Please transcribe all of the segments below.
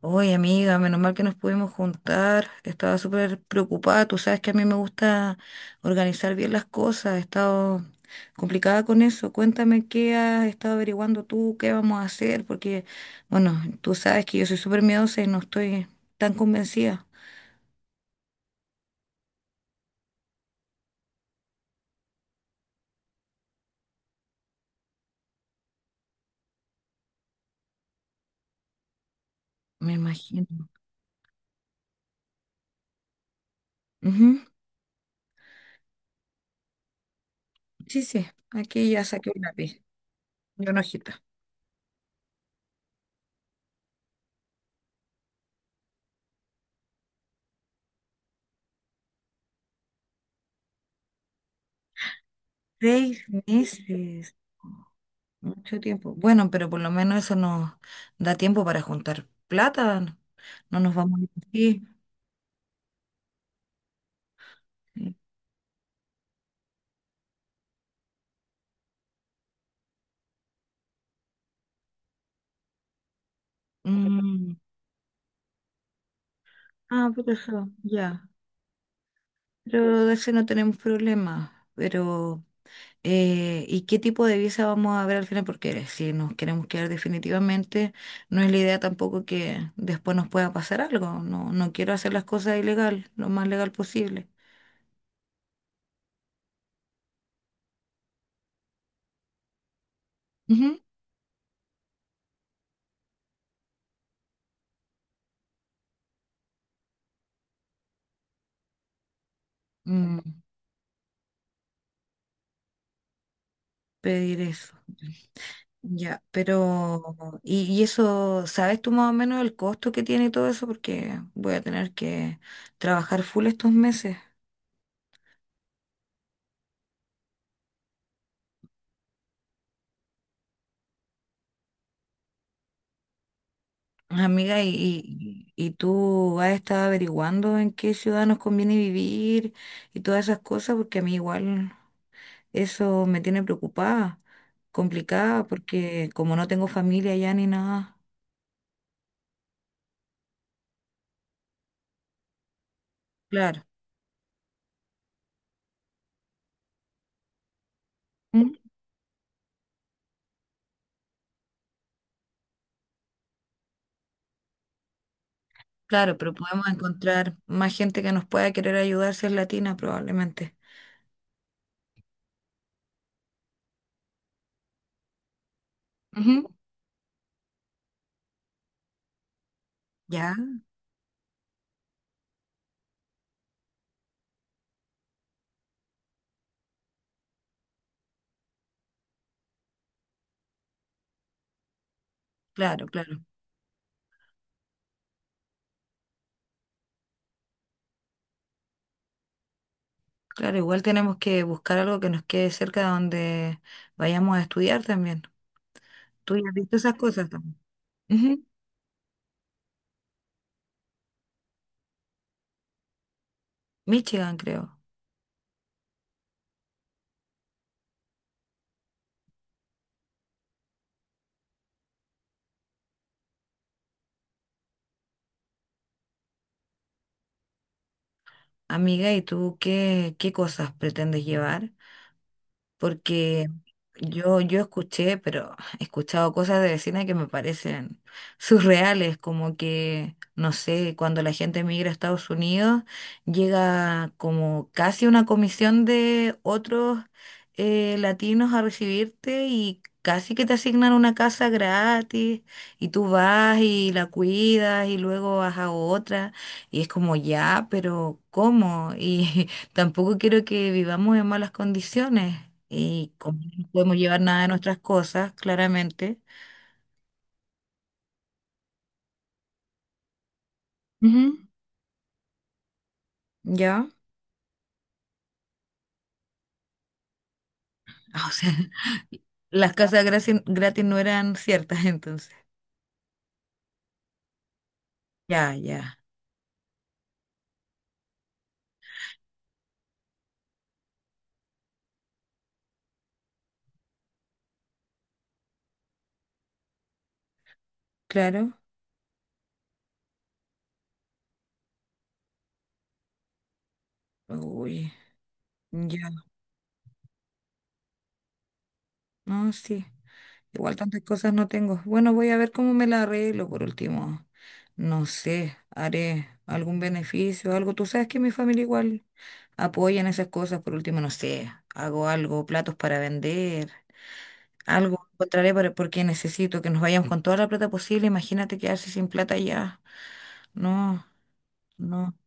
Oye, amiga, menos mal que nos pudimos juntar. Estaba súper preocupada. Tú sabes que a mí me gusta organizar bien las cosas. He estado complicada con eso. Cuéntame qué has estado averiguando tú, qué vamos a hacer, porque, bueno, tú sabes que yo soy súper miedosa y no estoy tan convencida. Me imagino. Ujú. Sí, sí, aquí ya saqué un lápiz y una hojita. Seis meses. Mucho tiempo. Bueno, pero por lo menos eso nos da tiempo para juntar plata, ¿no? No nos vamos a ir así. Sí. Mm, Ah, por eso, ya. Pero de ese no tenemos problema. Pero, ¿y qué tipo de visa vamos a ver al final? Porque si nos queremos quedar definitivamente, no es la idea tampoco que después nos pueda pasar algo. No, no quiero hacer las cosas ilegal, lo más legal posible. Ujú. Mm, pedir eso. Ya, pero, y eso, ¿sabes tú más o menos el costo que tiene todo eso? Porque voy a tener que trabajar full estos meses. Amiga, ¿y tú has estado averiguando en qué ciudad nos conviene vivir y todas esas cosas? Porque a mí igual eso me tiene preocupada, complicada, porque como no tengo familia allá ni nada. Claro. ¿Mm? Claro, pero podemos encontrar más gente que nos pueda querer ayudar si es latina probablemente. Ujú. Ya, claro, claro. Claro, igual tenemos que buscar algo que nos quede cerca de donde vayamos a estudiar también. Tú ya has visto esas cosas también. Ujú. Michigan, creo. Amiga, ¿y tú qué, qué cosas pretendes llevar? Porque yo escuché, pero he escuchado cosas de vecinas que me parecen surreales, como que, no sé, cuando la gente migra a Estados Unidos, llega como casi una comisión de otros latinos a recibirte y casi que te asignan una casa gratis y tú vas y la cuidas y luego vas a otra y es como ya, pero ¿cómo? Y tampoco quiero que vivamos en malas condiciones y como no podemos llevar nada de nuestras cosas, claramente. Ujú. ¿Ya? Ah, o sea, las casas gratis, gratis no eran ciertas entonces. Ya, ya, claro. Uy, ya, no, sí. Igual tantas cosas no tengo. Bueno, voy a ver cómo me la arreglo por último. No sé, haré algún beneficio, algo. Tú sabes que mi familia igual apoya en esas cosas. Por último, no sé, hago algo, platos para vender. Algo encontraré para- porque necesito que nos vayamos con toda la plata posible. Imagínate quedarse sin plata ya. No, no.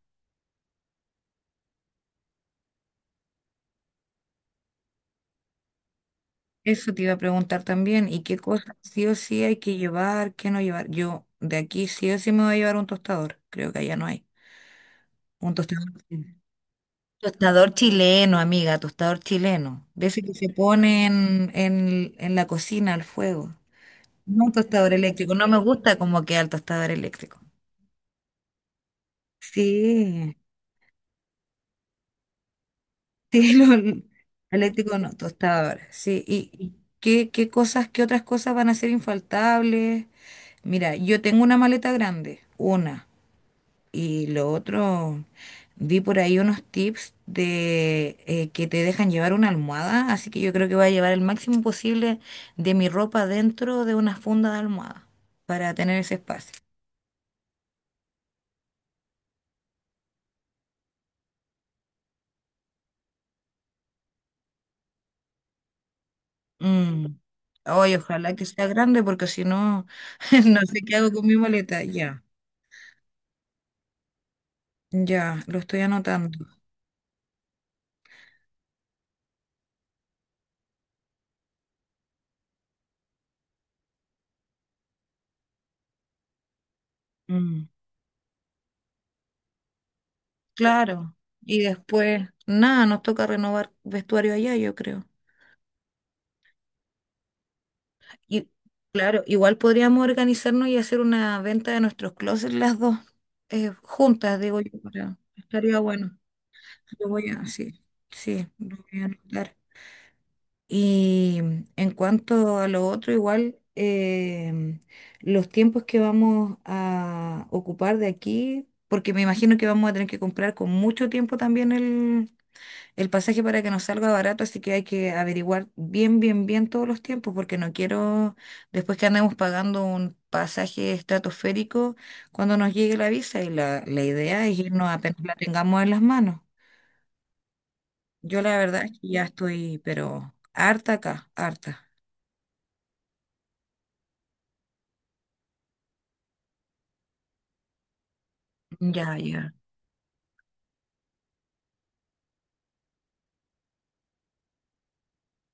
Eso te iba a preguntar también. ¿Y qué cosas sí o sí hay que llevar, qué no llevar? Yo de aquí sí o sí me voy a llevar un tostador. Creo que allá no hay. Un tostador. Tostador chileno, amiga, tostador chileno. De ese que se pone en la cocina al fuego. No un tostador eléctrico. No me gusta como queda el tostador eléctrico. Sí. Sí, no, no, eléctrico no, tostadora, sí. ¿Y qué, qué cosas, qué otras cosas van a ser infaltables? Mira, yo tengo una maleta grande, una, y lo otro, vi por ahí unos tips de que te dejan llevar una almohada, así que yo creo que voy a llevar el máximo posible de mi ropa dentro de una funda de almohada para tener ese espacio. Mm. Ay, ojalá que sea grande porque si no, no sé qué hago con mi maleta, ya. Ya, lo estoy anotando. Mm, claro. Y después, nada, nos toca renovar vestuario allá, yo creo. Y claro, igual podríamos organizarnos y hacer una venta de nuestros closets las dos juntas, digo yo, para- estaría bueno. Lo voy a, sí, sí, lo voy a anotar. Y en cuanto a lo otro, igual los tiempos que vamos a ocupar de aquí, porque me imagino que vamos a tener que comprar con mucho tiempo también el pasaje para que nos salga barato, así que hay que averiguar bien, bien, bien todos los tiempos, porque no quiero, después que andemos pagando un pasaje estratosférico, cuando nos llegue la visa, y la idea es irnos apenas la tengamos en las manos. Yo la verdad es que ya estoy, pero harta acá, harta. Ya, ya,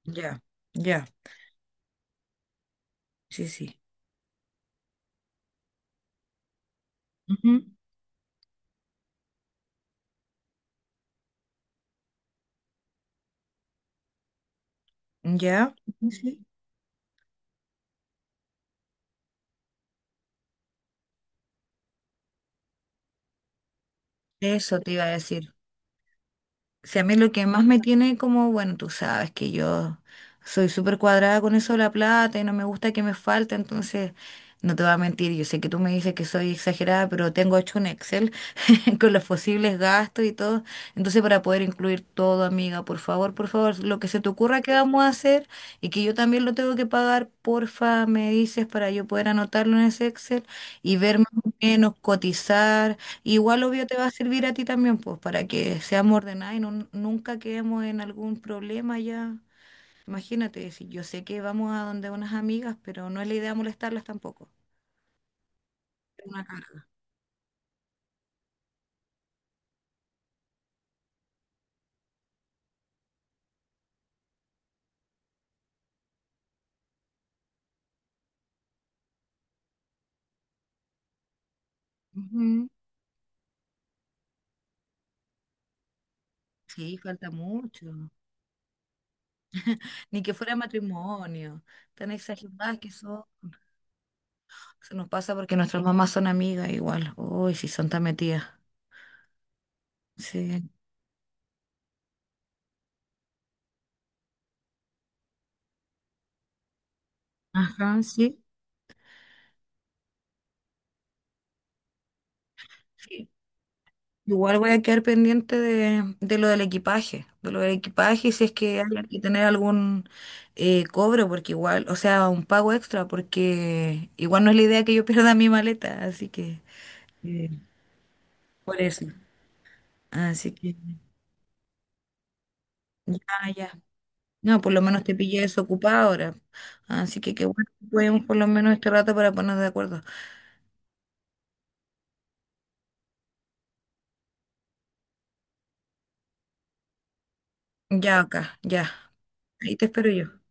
ya, ya, sí, sí. Ujú, ya, sí, sí. Eso te iba a decir. Si a mí lo que más me tiene como, bueno, tú sabes que yo soy súper cuadrada con eso de la plata y no me gusta que me falte, entonces no te voy a mentir, yo sé que tú me dices que soy exagerada, pero tengo hecho un Excel con los posibles gastos y todo. Entonces, para poder incluir todo, amiga, por favor, lo que se te ocurra que vamos a hacer y que yo también lo tengo que pagar, porfa, me dices para yo poder anotarlo en ese Excel y ver más o menos, cotizar. Igual, obvio, te va a servir a ti también, pues, para que seamos ordenados y no- nunca quedemos en algún problema ya. Imagínate, si yo sé que vamos a donde unas amigas, pero no es la idea molestarlas tampoco. Una cara. Ujú. Sí, falta mucho. Ni que fuera matrimonio. Tan exageradas que son. Se nos pasa porque nuestras mamás son amigas igual. Uy, si son tan metidas. Sí. Ajá, sí. Sí. Igual voy a quedar pendiente de lo del equipaje. De lo del equipaje, y si es que hay que tener algún cobro, porque igual, o sea, un pago extra, porque igual no es la idea que yo pierda mi maleta. Así que, eh, por eso. Así que, ya, ya. No, por lo menos te pillé desocupada ahora. Así que qué bueno que podemos por lo menos este rato para ponernos de acuerdo. Ya acá, ya. Ahí te espero yo.